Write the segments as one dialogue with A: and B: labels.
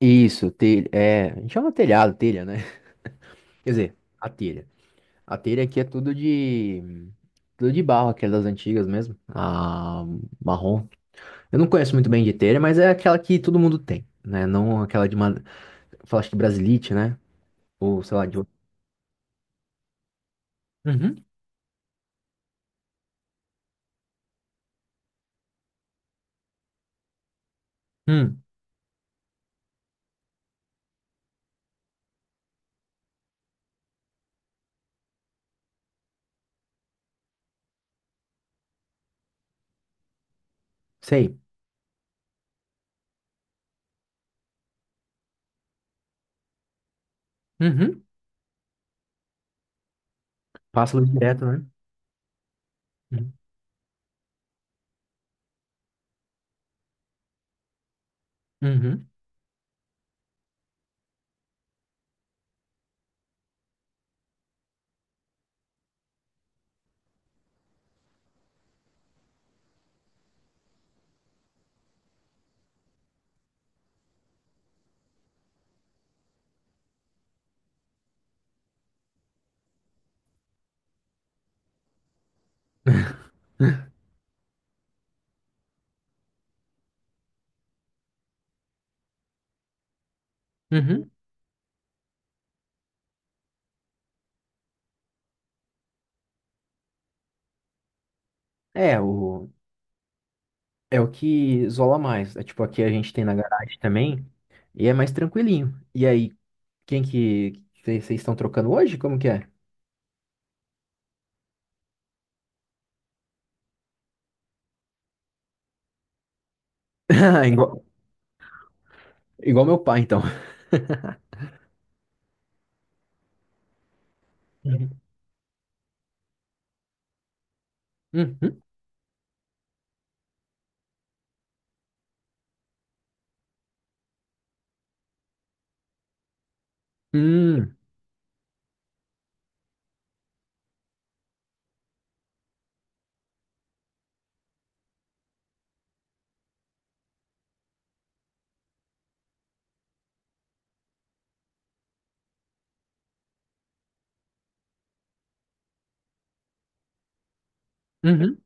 A: Isso, telha, a gente chama telhado, telha, né? Quer dizer, a telha. A telha aqui é tudo de barro, aquela das antigas mesmo, a marrom. Eu não conheço muito bem de telha, mas é aquela que todo mundo tem, né? Não aquela uma, acho que brasilite, né? Ou, sei lá, de outro. Uhum, hum, sei. Uhum, passa luz direto, né? Uhum, uhum, uhum. É, o, é o que isola mais. É tipo, aqui a gente tem na garagem também, e é mais tranquilinho. E aí, quem que vocês estão trocando hoje? Como que é? Ah, igual, igual meu pai, então. Uhum. Uhum. Hum. Uhum.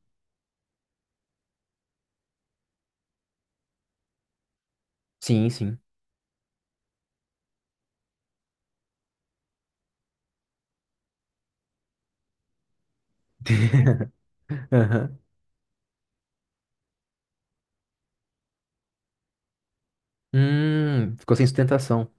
A: Sim, sim. Aham. Ficou sem sustentação,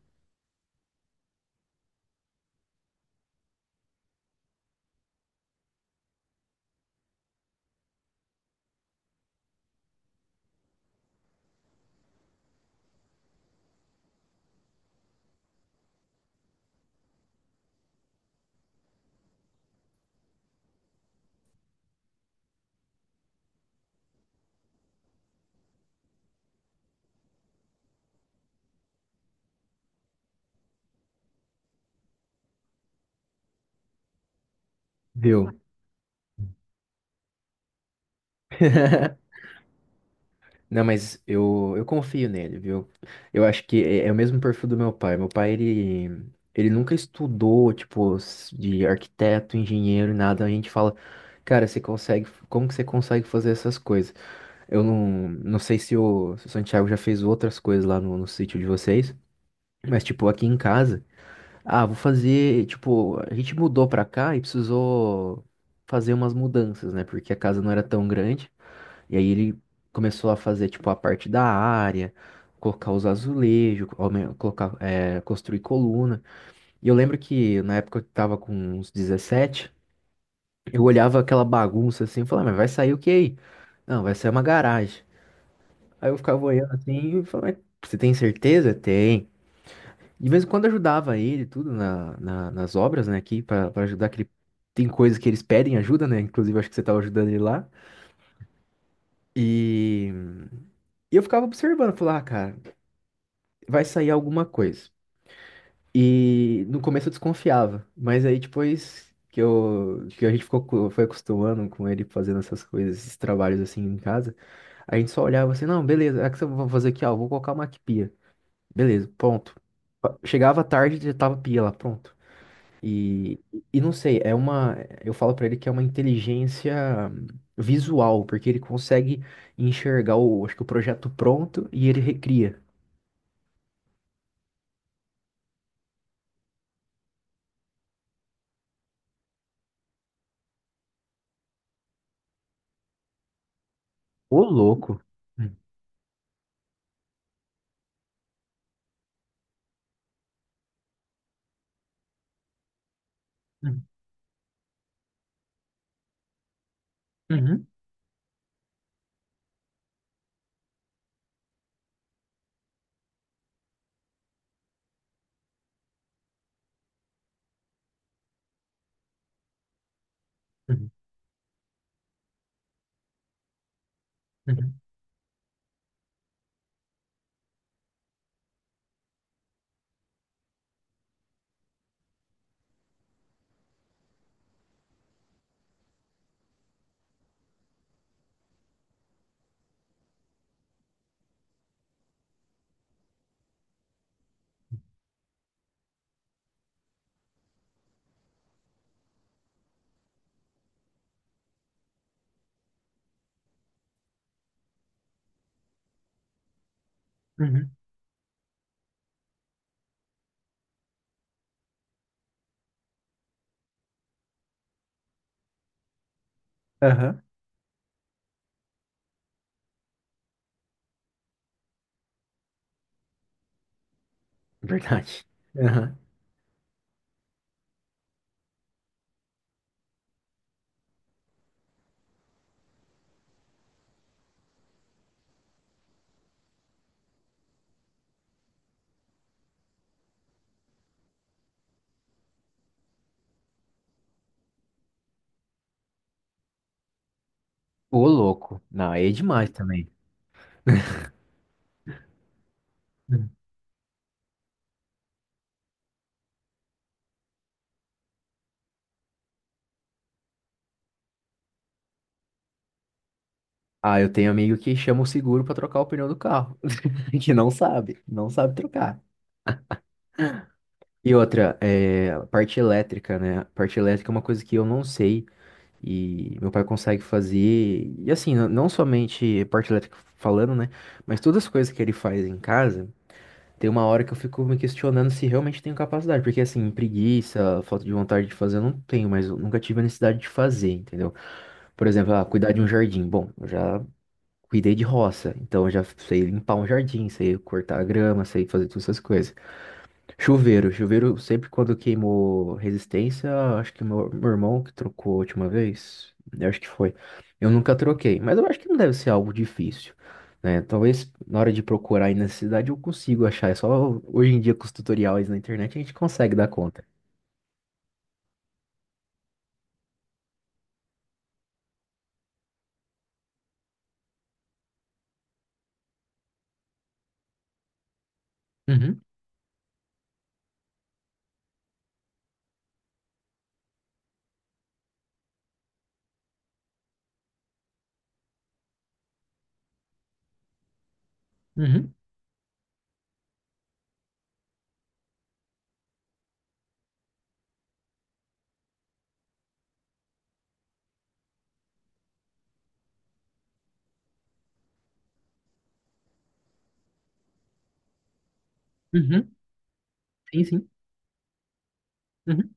A: viu? Não, mas eu confio nele, viu? Eu acho que é o mesmo perfil do meu pai. Meu pai, ele nunca estudou, tipo, de arquiteto, engenheiro, nada. A gente fala, cara, você consegue, como que você consegue fazer essas coisas? Eu não sei se o Santiago já fez outras coisas lá no sítio de vocês, mas tipo aqui em casa, ah, vou fazer, tipo, a gente mudou pra cá e precisou fazer umas mudanças, né? Porque a casa não era tão grande. E aí ele começou a fazer tipo a parte da área, colocar os azulejos, colocar, é, construir coluna. E eu lembro que na época eu tava com uns 17, eu olhava aquela bagunça assim e falava, "Ah, mas vai sair o que aí? Não, vai sair uma garagem." Aí eu ficava olhando assim e falava, "Mas você tem certeza?" Tem. De vez em quando ajudava ele, e tudo, nas obras, né, aqui, pra ajudar, que ele, tem coisas que eles pedem ajuda, né, inclusive acho que você tava ajudando ele lá. E, e eu ficava observando, falava, ah, cara, vai sair alguma coisa. E no começo eu desconfiava, mas aí depois que a gente ficou, foi acostumando com ele fazendo essas coisas, esses trabalhos assim em casa, a gente só olhava assim, não, beleza, é que eu vou fazer aqui, ó, vou colocar uma beleza, pronto. Chegava tarde, já tava pia lá, pronto. E, e não sei, é uma. Eu falo pra ele que é uma inteligência visual, porque ele consegue enxergar o, acho que o projeto pronto e ele recria. Ô, louco. Uhum, uhum, uhum, uhum, uhum. Aham. Verdade. Aham. Ô, louco. Não, aí é demais também. Uhum. Ah, eu tenho amigo que chama o seguro pra trocar o pneu do carro, que não sabe trocar. E outra, é, a parte elétrica, né? A parte elétrica é uma coisa que eu não sei e meu pai consegue fazer. E assim, não somente parte elétrica falando, né? Mas todas as coisas que ele faz em casa, tem uma hora que eu fico me questionando se realmente tenho capacidade. Porque assim, preguiça, falta de vontade de fazer, eu não tenho, mas eu nunca tive a necessidade de fazer, entendeu? Por exemplo, ah, cuidar de um jardim. Bom, eu já cuidei de roça, então eu já sei limpar um jardim, sei cortar a grama, sei fazer todas essas coisas. Chuveiro sempre quando queimou resistência, acho que meu irmão que trocou a última vez, eu acho que foi. Eu nunca troquei, mas eu acho que não deve ser algo difícil, né? Talvez na hora de procurar aí na cidade eu consigo achar, é só hoje em dia com os tutoriais na internet a gente consegue dar conta. Uhum, uhum, uhum, sim, sim, uhum.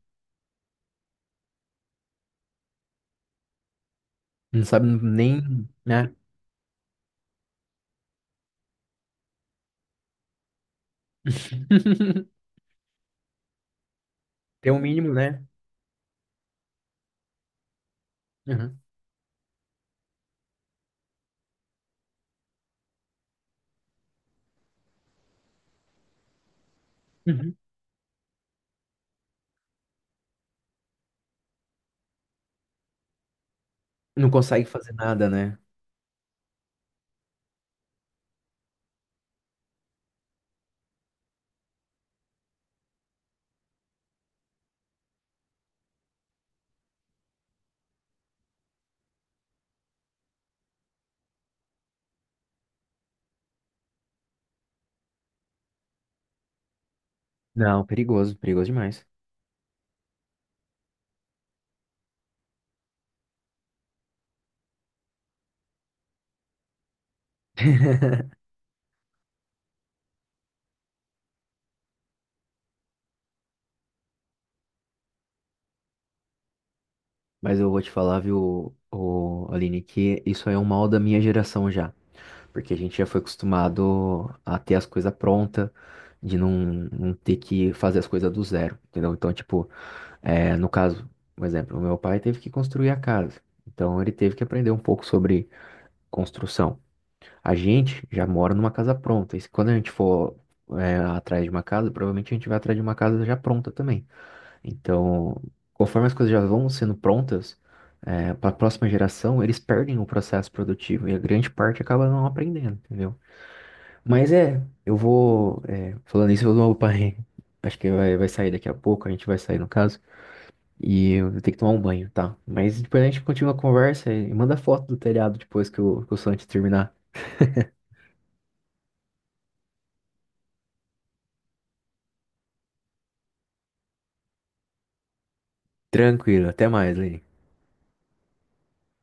A: Não sabe nem, né? Tem um mínimo, né? Uhum, uhum. Não consegue fazer nada, né? Não, perigoso, perigoso demais. Mas eu vou te falar, viu, o Aline, que isso aí é um mal da minha geração já. Porque a gente já foi acostumado a ter as coisas prontas, de não ter que fazer as coisas do zero, entendeu? Então, tipo, é, no caso, um exemplo, o meu pai teve que construir a casa. Então, ele teve que aprender um pouco sobre construção. A gente já mora numa casa pronta. E quando a gente for, é, atrás de uma casa, provavelmente a gente vai atrás de uma casa já pronta também. Então, conforme as coisas já vão sendo prontas, para a próxima geração, eles perdem o processo produtivo e a grande parte acaba não aprendendo, entendeu? Mas é, eu vou. É, falando isso, eu vou pai. Acho que vai sair daqui a pouco, a gente vai sair no caso. E eu vou ter que tomar um banho, tá? Mas depois a gente continua a conversa e manda foto do telhado depois que o Santos terminar. Tranquilo, até mais, Lê.